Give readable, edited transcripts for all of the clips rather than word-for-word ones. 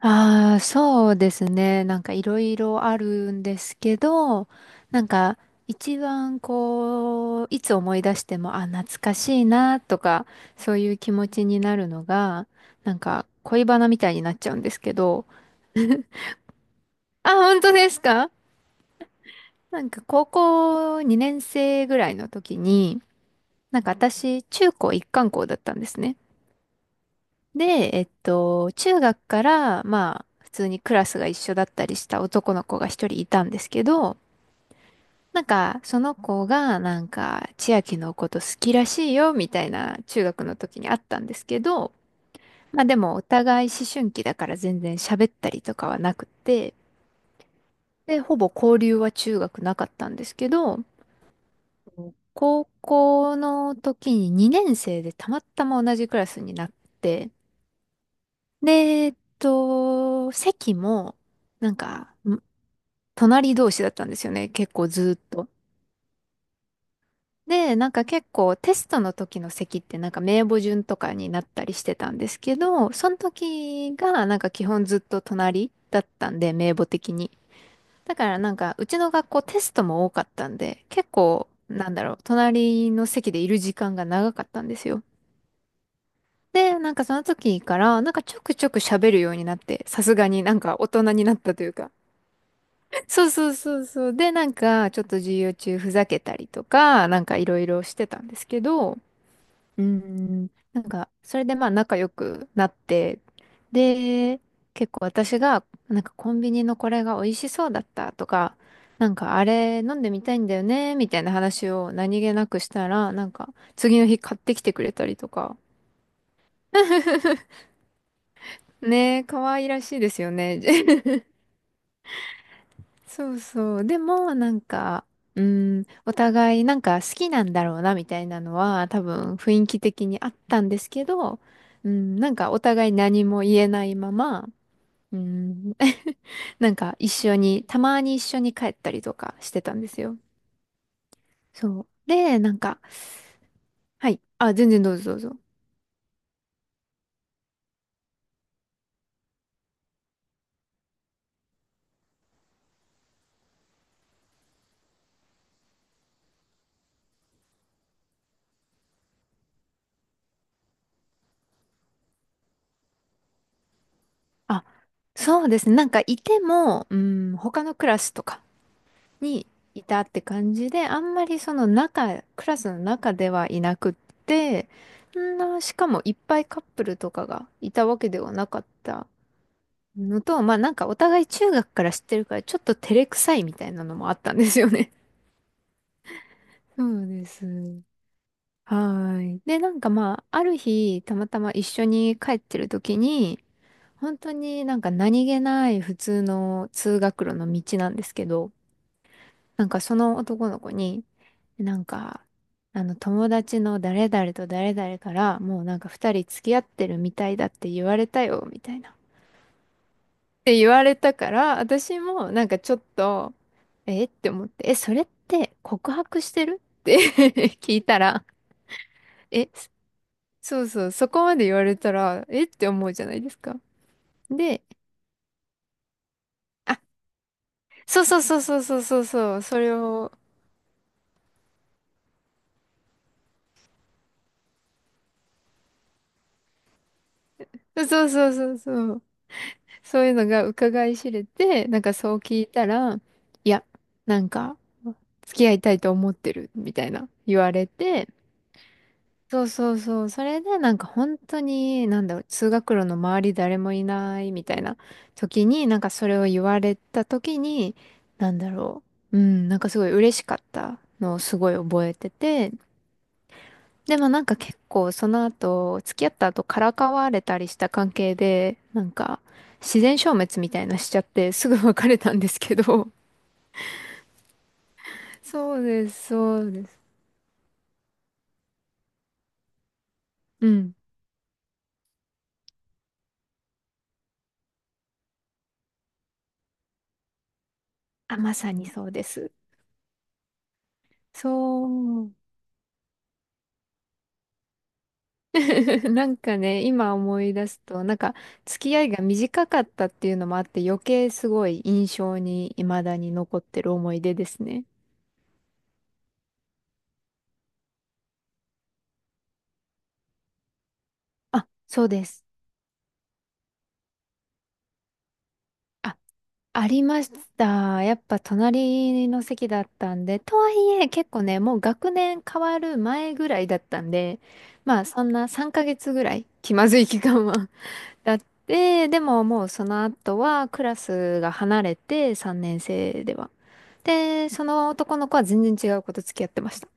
ああ、そうですね。なんかいろいろあるんですけど、なんか一番こう、いつ思い出しても、あ、懐かしいなとか、そういう気持ちになるのが、なんか恋バナみたいになっちゃうんですけど。あ、本当ですか？なんか高校2年生ぐらいの時に、なんか私、中高一貫校だったんですね。で、中学から、まあ、普通にクラスが一緒だったりした男の子が一人いたんですけど、なんか、その子が、なんか、千秋のこと好きらしいよ、みたいな、中学の時にあったんですけど、まあでも、お互い思春期だから全然喋ったりとかはなくて、で、ほぼ交流は中学なかったんですけど、高校の時に2年生でたまたま同じクラスになって、で、席も、なんか、隣同士だったんですよね、結構ずーっと。で、なんか結構テストの時の席ってなんか名簿順とかになったりしてたんですけど、その時がなんか基本ずっと隣だったんで、名簿的に。だからなんかうちの学校テストも多かったんで、結構なんだろう、隣の席でいる時間が長かったんですよ。で、なんかその時からなんかちょくちょく喋るようになって、さすがになんか大人になったというか。そうそうそうそう。で、なんかちょっと授業中ふざけたりとか、なんかいろいろしてたんですけど、なんか、それでまあ仲良くなって、で、結構私が、なんかコンビニのこれが美味しそうだったとか、なんかあれ飲んでみたいんだよね、みたいな話を何気なくしたら、なんか次の日買ってきてくれたりとか。ねえ、可愛らしいですよね。そうそう。でも、なんか、うん、お互いなんか好きなんだろうな、みたいなのは、多分雰囲気的にあったんですけど、うん、なんかお互い何も言えないまま、うん、なんか一緒に、たまに一緒に帰ったりとかしてたんですよ。そう。で、なんか、はい。あ、全然どうぞどうぞ。あ、そうですね。なんかいても、うん、他のクラスとかにいたって感じで、あんまりその中、クラスの中ではいなくって、しかもいっぱいカップルとかがいたわけではなかったのと、まあなんかお互い中学から知ってるからちょっと照れくさいみたいなのもあったんですよね。そうです。はーい。で、なんかまあ、ある日、たまたま一緒に帰ってる時に、本当になんか何気ない普通の通学路の道なんですけど、なんかその男の子に、なんか、あの友達の誰々と誰々からもうなんか二人付き合ってるみたいだって言われたよ、みたいな。って言われたから、私もなんかちょっと、えって思って、え、それって告白してる？って 聞いたら、え、そうそう、そこまで言われたら、えって思うじゃないですか。で、あ、そうそうそうそうそうそうそう、それを、そうそうそうそう。そういうのが伺い知れて、なんかそう聞いたら、いや、なんか、付き合いたいと思ってる、みたいな言われて、そうそうそう、それでなんか本当に、なんだろう、通学路の周り誰もいないみたいな時に、なんかそれを言われた時に、なんだろう、うん、なんかすごい嬉しかったのをすごい覚えてて、でもなんか結構その後、付き合った後からかわれたりした関係で、なんか自然消滅みたいなしちゃってすぐ別れたんですけど。そうです、そうです。うん。あ、まさにそうです。そう。なんかね、今思い出すと、なんか付き合いが短かったっていうのもあって余計すごい印象に未だに残ってる思い出ですね。あ、そうです。あありました。やっぱ隣の席だったんで、とはいえ結構ね、もう学年変わる前ぐらいだったんで、まあそんな3ヶ月ぐらい気まずい期間は。 だって、でももうその後はクラスが離れて3年生では。で、その男の子は全然違う子と付き合ってました。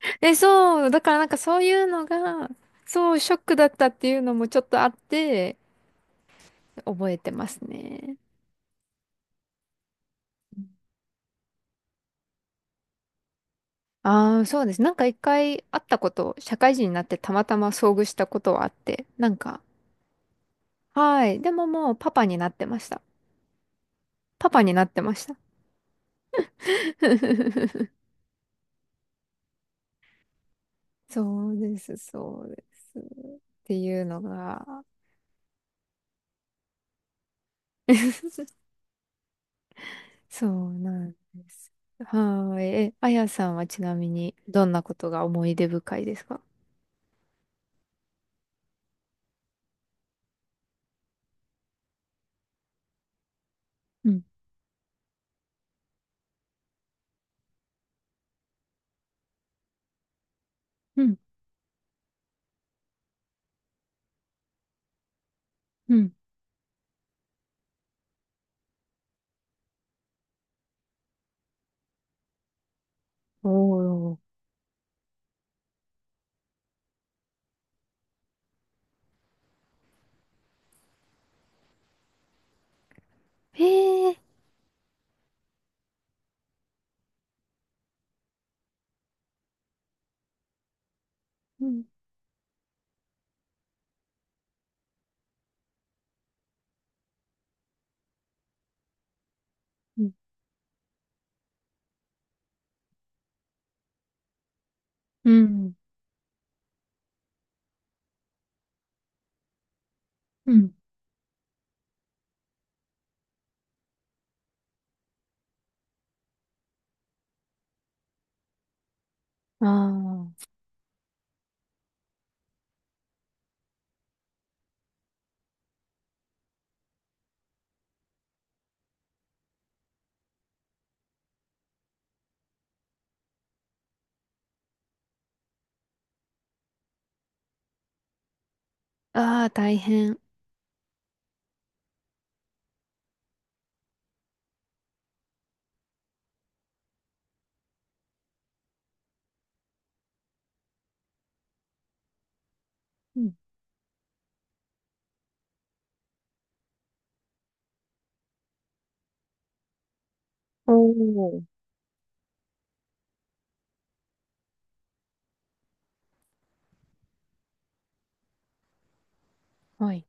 えそう、だからなんかそういうのが、そう、ショックだったっていうのもちょっとあって、覚えてますね。ああ、そうです。なんか一回会ったこと、社会人になってたまたま遭遇したことはあって、なんか、はい。でももうパパになってました。パパになってました。そうです、そうです。っていうのが、そうなんです。はーい。え、あやさんはちなみにどんなことが思い出深いですか？うん、うん、うん。おー。へえ。うん、うん、うん、うん。ああ。ああ、大変。おー、はい。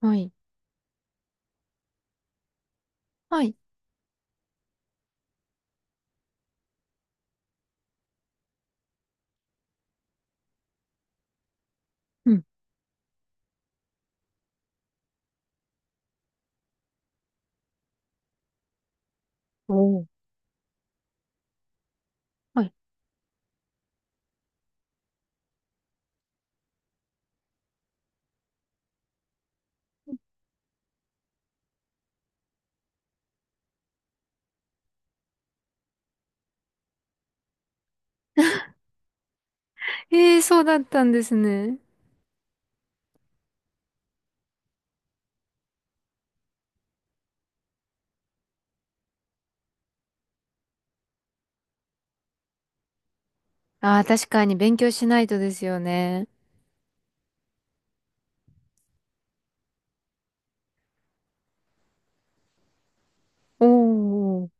はい。はい。うん。おー、はい。えーそうだったんですね。ああ、確かに勉強しないとですよね。おー、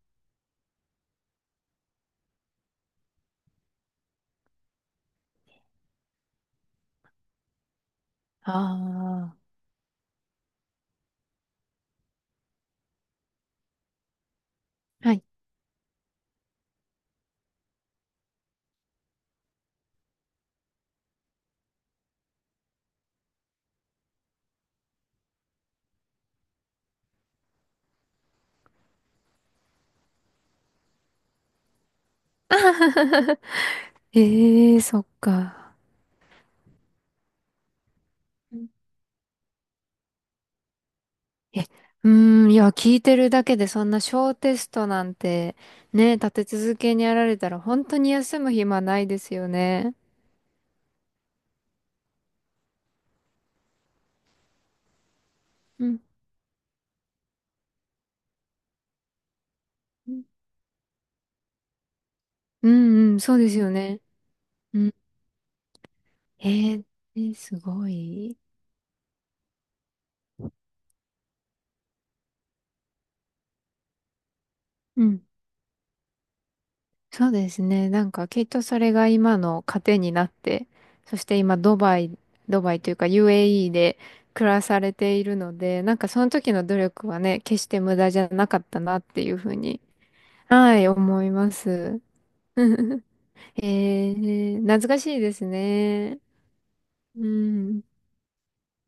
ああ。はい。えーそっか。うん、え、うーん、いや、聞いてるだけでそんな小テストなんて、ね、立て続けにやられたら本当に休む暇ないですよね。うん。うんうん、そうですよね。うん。ええ、えーすごい。うん、そうですね。なんかきっとそれが今の糧になって、そして今ドバイ、ドバイというか UAE で暮らされているので、なんかその時の努力はね、決して無駄じゃなかったなっていうふうに、はい、思います。えー、懐かしいですね。うん。